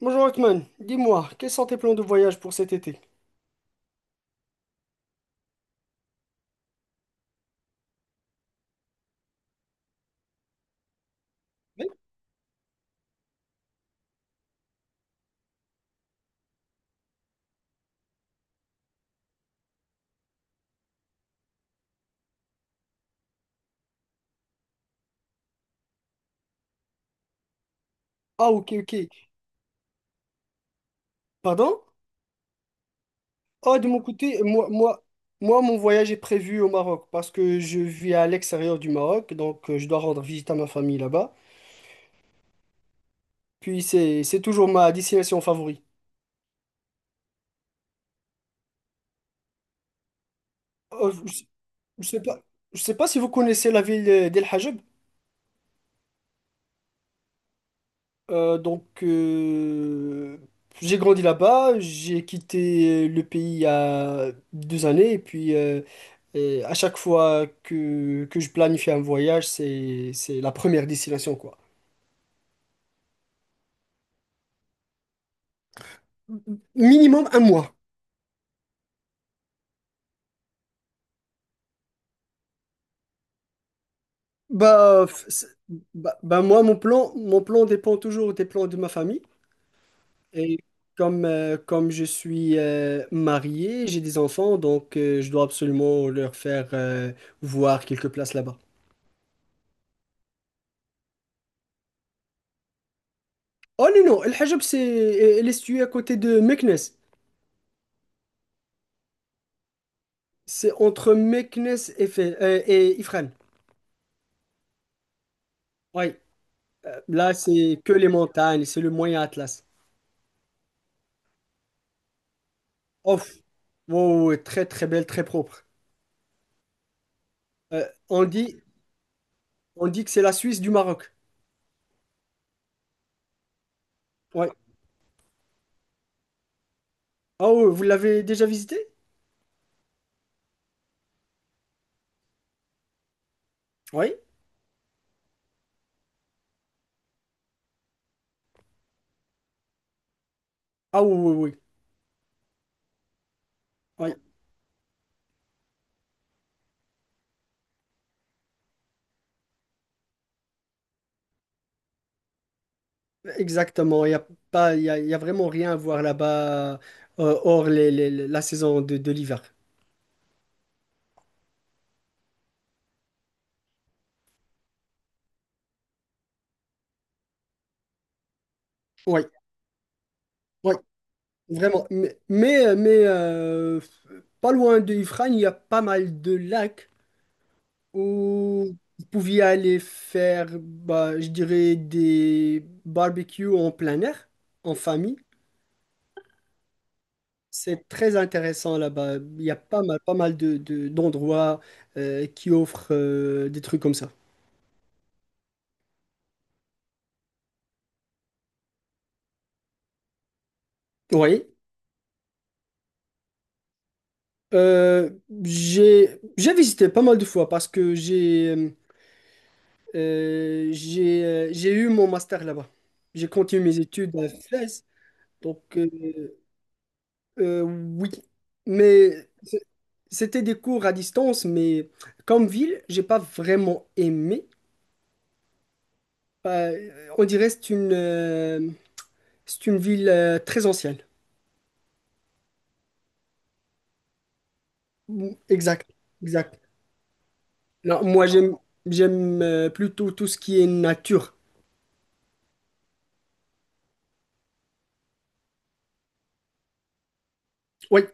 Bonjour Othman, dis-moi, quels sont tes plans de voyage pour cet été? Oui. Ah, ok, ok, pardon? Ah, de mon côté, moi, mon voyage est prévu au Maroc parce que je vis à l'extérieur du Maroc, donc je dois rendre visite à ma famille là-bas. Puis c'est toujours ma destination favorite. Euh, je, je sais pas, je sais pas si vous connaissez la ville d'El Hajj. Donc, j'ai grandi là-bas, j'ai quitté le pays il y a 2 années, et puis à chaque fois que je planifie un voyage, c'est la première destination, quoi. Minimum un mois. Bah, f- c'est- bah, moi, mon plan dépend toujours des plans de ma famille. Et comme je suis marié, j'ai des enfants, donc je dois absolument leur faire voir quelques places là-bas. Oh, non, non, El Hajab, c'est elle est située à côté de Meknès. C'est entre Meknès et Ifrane. Oui, là, c'est que les montagnes, c'est le Moyen Atlas. Off. Wow, ouais, très, très belle, très propre. Euh, on dit, on dit que c'est la Suisse du Maroc. Oui. Ah, ouais, vous l'avez déjà visité? Oui. Ah, oui, oui, oui. Oui, exactement. Il n'y a pas, il y a vraiment rien à voir là-bas, hors la saison de l'hiver. Oui, oui, vraiment. Mais, pas loin de Ifrane, il y a pas mal de lacs où vous pouviez aller faire, bah, je dirais, des barbecues en plein air, en famille. C'est très intéressant là-bas. Il y a pas mal d'endroits qui offrent des trucs comme ça. Oui, euh, j'ai visité pas mal de fois parce que j'ai eu mon master là-bas. J'ai continué mes études à Fès, donc oui, mais c- c'était des cours à distance, mais comme ville, j'ai pas vraiment aimé. On dirait que c'est une ville très ancienne. Mm, exact, exact. Non, moi j'aime plutôt tout ce qui est nature. Oui.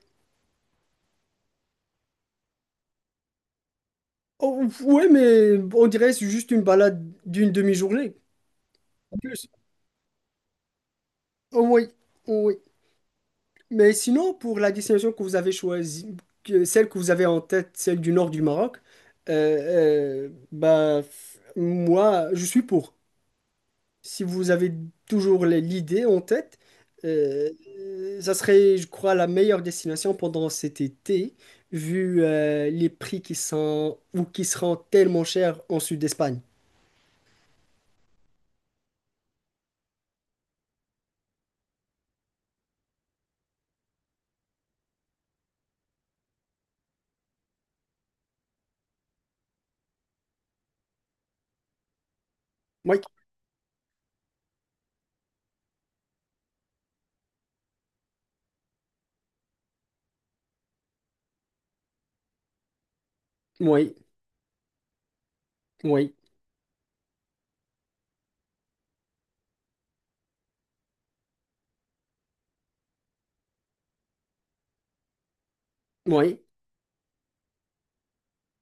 Oh, oui, mais on dirait que c'est juste une balade d'une demi-journée. En plus. Oh, oui. Oh, oui. Mais sinon, pour la destination que vous avez choisie, celle que vous avez en tête, celle du nord du Maroc, bah, moi, je suis pour. Si vous avez toujours l'idée en tête, euh, ça serait, je crois, la meilleure destination pendant cet été, vu les prix qui sont ou qui seront tellement chers en sud d'Espagne. Oui, oui, oui, oui.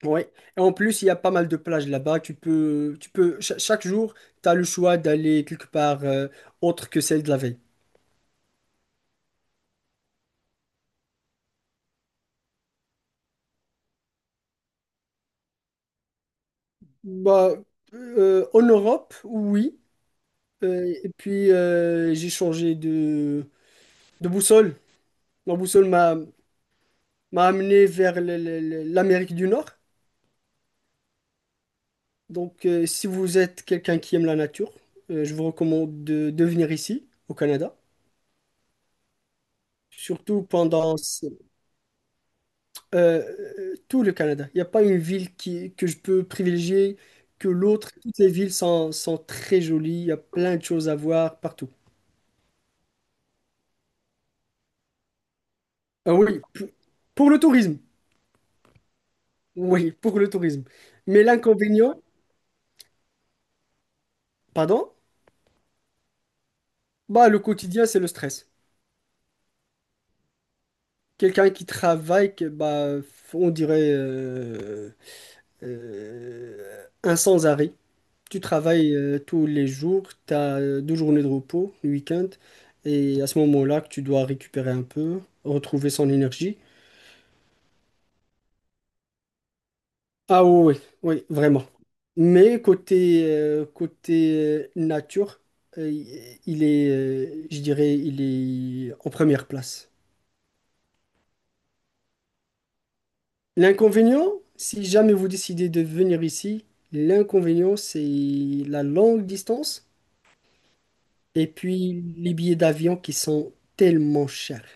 Ouais. Et en plus, il y a pas mal de plages là-bas. Tu peux, chaque jour, tu as le choix d'aller quelque part autre que celle de la veille. Bah, en Europe, oui. Et puis, j'ai changé de boussole. Ma boussole m'a amené vers l'Amérique du Nord. Donc, si vous êtes quelqu'un qui aime la nature, je vous recommande de venir ici, au Canada. Surtout pendant... Euh, tout le Canada. Il n'y a pas une ville que je peux privilégier que l'autre. Toutes les villes sont très jolies. Il y a plein de choses à voir partout. Ah, oui, pour le tourisme. Oui, pour le tourisme. Mais l'inconvénient, pardon, bah, le quotidien, c'est le stress. Quelqu'un qui travaille, bah, on dirait un sans-arrêt. Tu travailles tous les jours, tu as 2 journées de repos, le week-end, et à ce moment-là que tu dois récupérer un peu, retrouver son énergie. Ah, oui, oui, oui, vraiment. Mais côté nature, euh, je dirais, il est en première place. L'inconvénient, si jamais vous décidez de venir ici, l'inconvénient, c'est la longue distance et puis les billets d'avion qui sont tellement chers.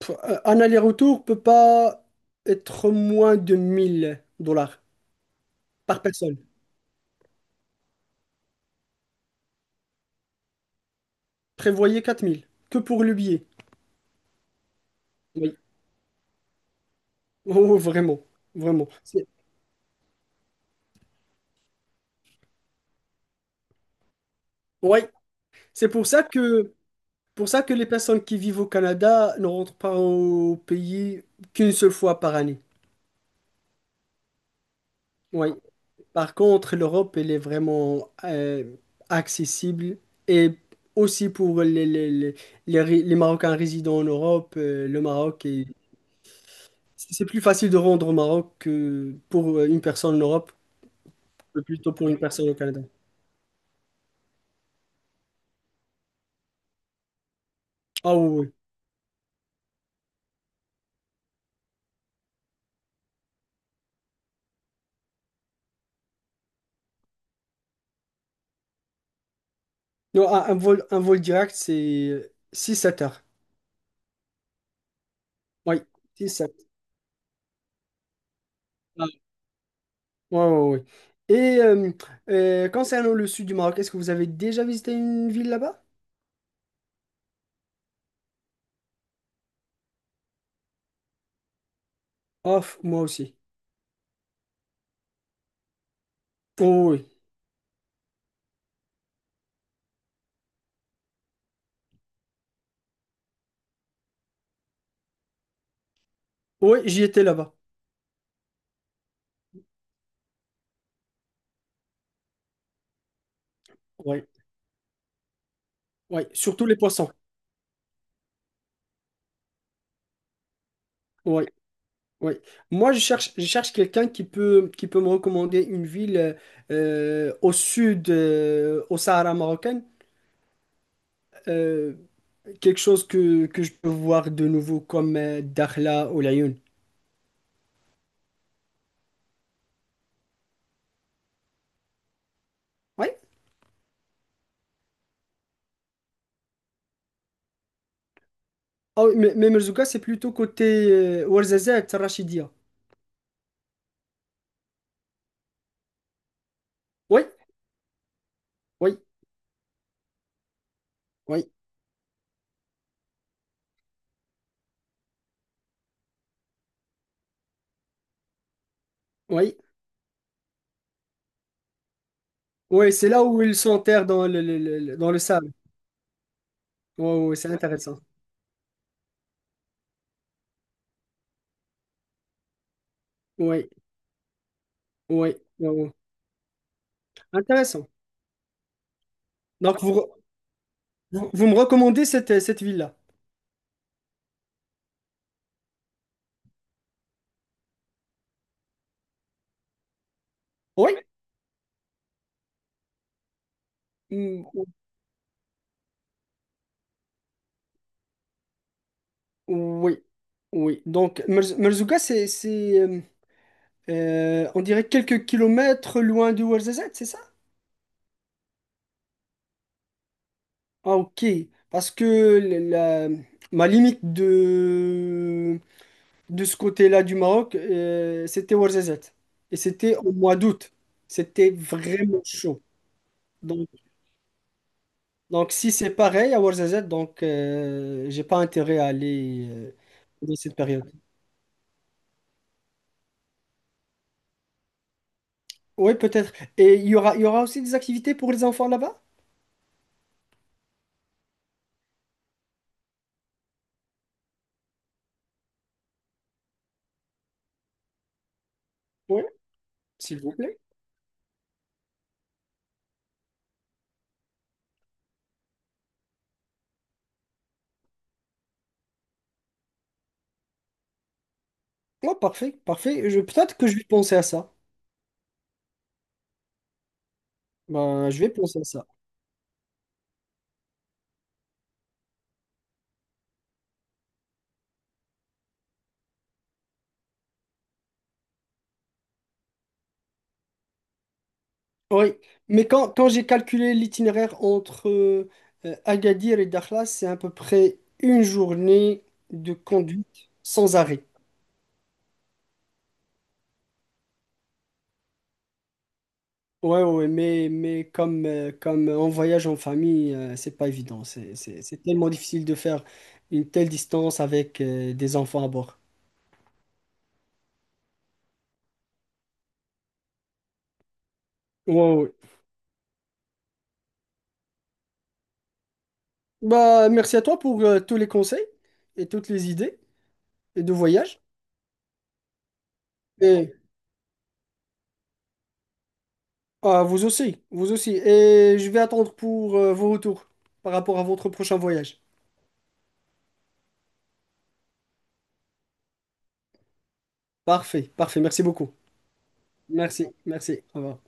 Un aller-retour peut pas être moins de 1000 dollars par personne. Prévoyez 4000, que pour le billet. Oui. Oh, vraiment, vraiment. C'est- Ouais, c'est pour ça que les personnes qui vivent au Canada ne rentrent pas au pays qu'une seule fois par année. Oui. Par contre, l'Europe, elle est vraiment accessible et aussi pour les Marocains résidant en Europe, le Maroc est... C'est plus facile de rendre au Maroc que pour une personne en Europe, que plutôt pour une personne au Canada. Ah, oui, oui. Non, un vol direct, c'est six 7 heures. Oui, six 7. Ah, oui, oui, oui. Et concernant le sud du Maroc, est-ce que vous avez déjà visité une ville là-bas? Ah, moi aussi. Oh, oui, oui, oui, j'y étais là-bas. Oui, oui, surtout les poissons. Oui, oui. Moi, je cherche quelqu'un qui peut, me recommander une ville au sud, au Sahara marocain. Euh, quelque chose que je peux voir de nouveau comme Dakhla ou Laayoun. Oui. Ah, oui, mais Merzouga, c'est plutôt côté Ouarzazate, Rachidia. Oui, oui, oui, oui. Oui, c'est là où ils s'enterrent dans le- dans le sable. Oui, oui, c'est intéressant. Oui, oui, oui, oui. Intéressant. Donc, vous me recommandez cette ville-là? Oui? Mm. Oui, oui. Donc, Merzouga, on dirait quelques kilomètres loin de Ouarzazate, c'est ça? Ah, ok. Parce que la, ma limite de ce côté-là du Maroc, c'était Ouarzazate. Et c'était au mois d'août. C'était vraiment chaud. Donc, donc, si c'est pareil à Ouarzazate, donc j'ai pas intérêt à aller dans cette période. Oui, peut-être. Et il y aura aussi des activités pour les enfants là-bas? Oui, s'il vous plaît. Oh, parfait, parfait. Peut-être que je vais penser à ça. Ben, je vais penser à ça. Oui, mais quand j'ai calculé l'itinéraire entre Agadir et Dakhla, c'est à peu près une journée de conduite sans arrêt. Ouais, ouais, ouais, mais, comme on voyage en famille, c'est pas évident. C'est tellement difficile de faire une telle distance avec des enfants à bord. Ouais, ouais, ouais. Bah, merci à toi pour tous les conseils et toutes les idées de voyage. Et Ah, vous aussi, vous aussi. Et je vais attendre pour vos retours par rapport à votre prochain voyage. Parfait, parfait. Merci beaucoup. Merci, merci. Au revoir.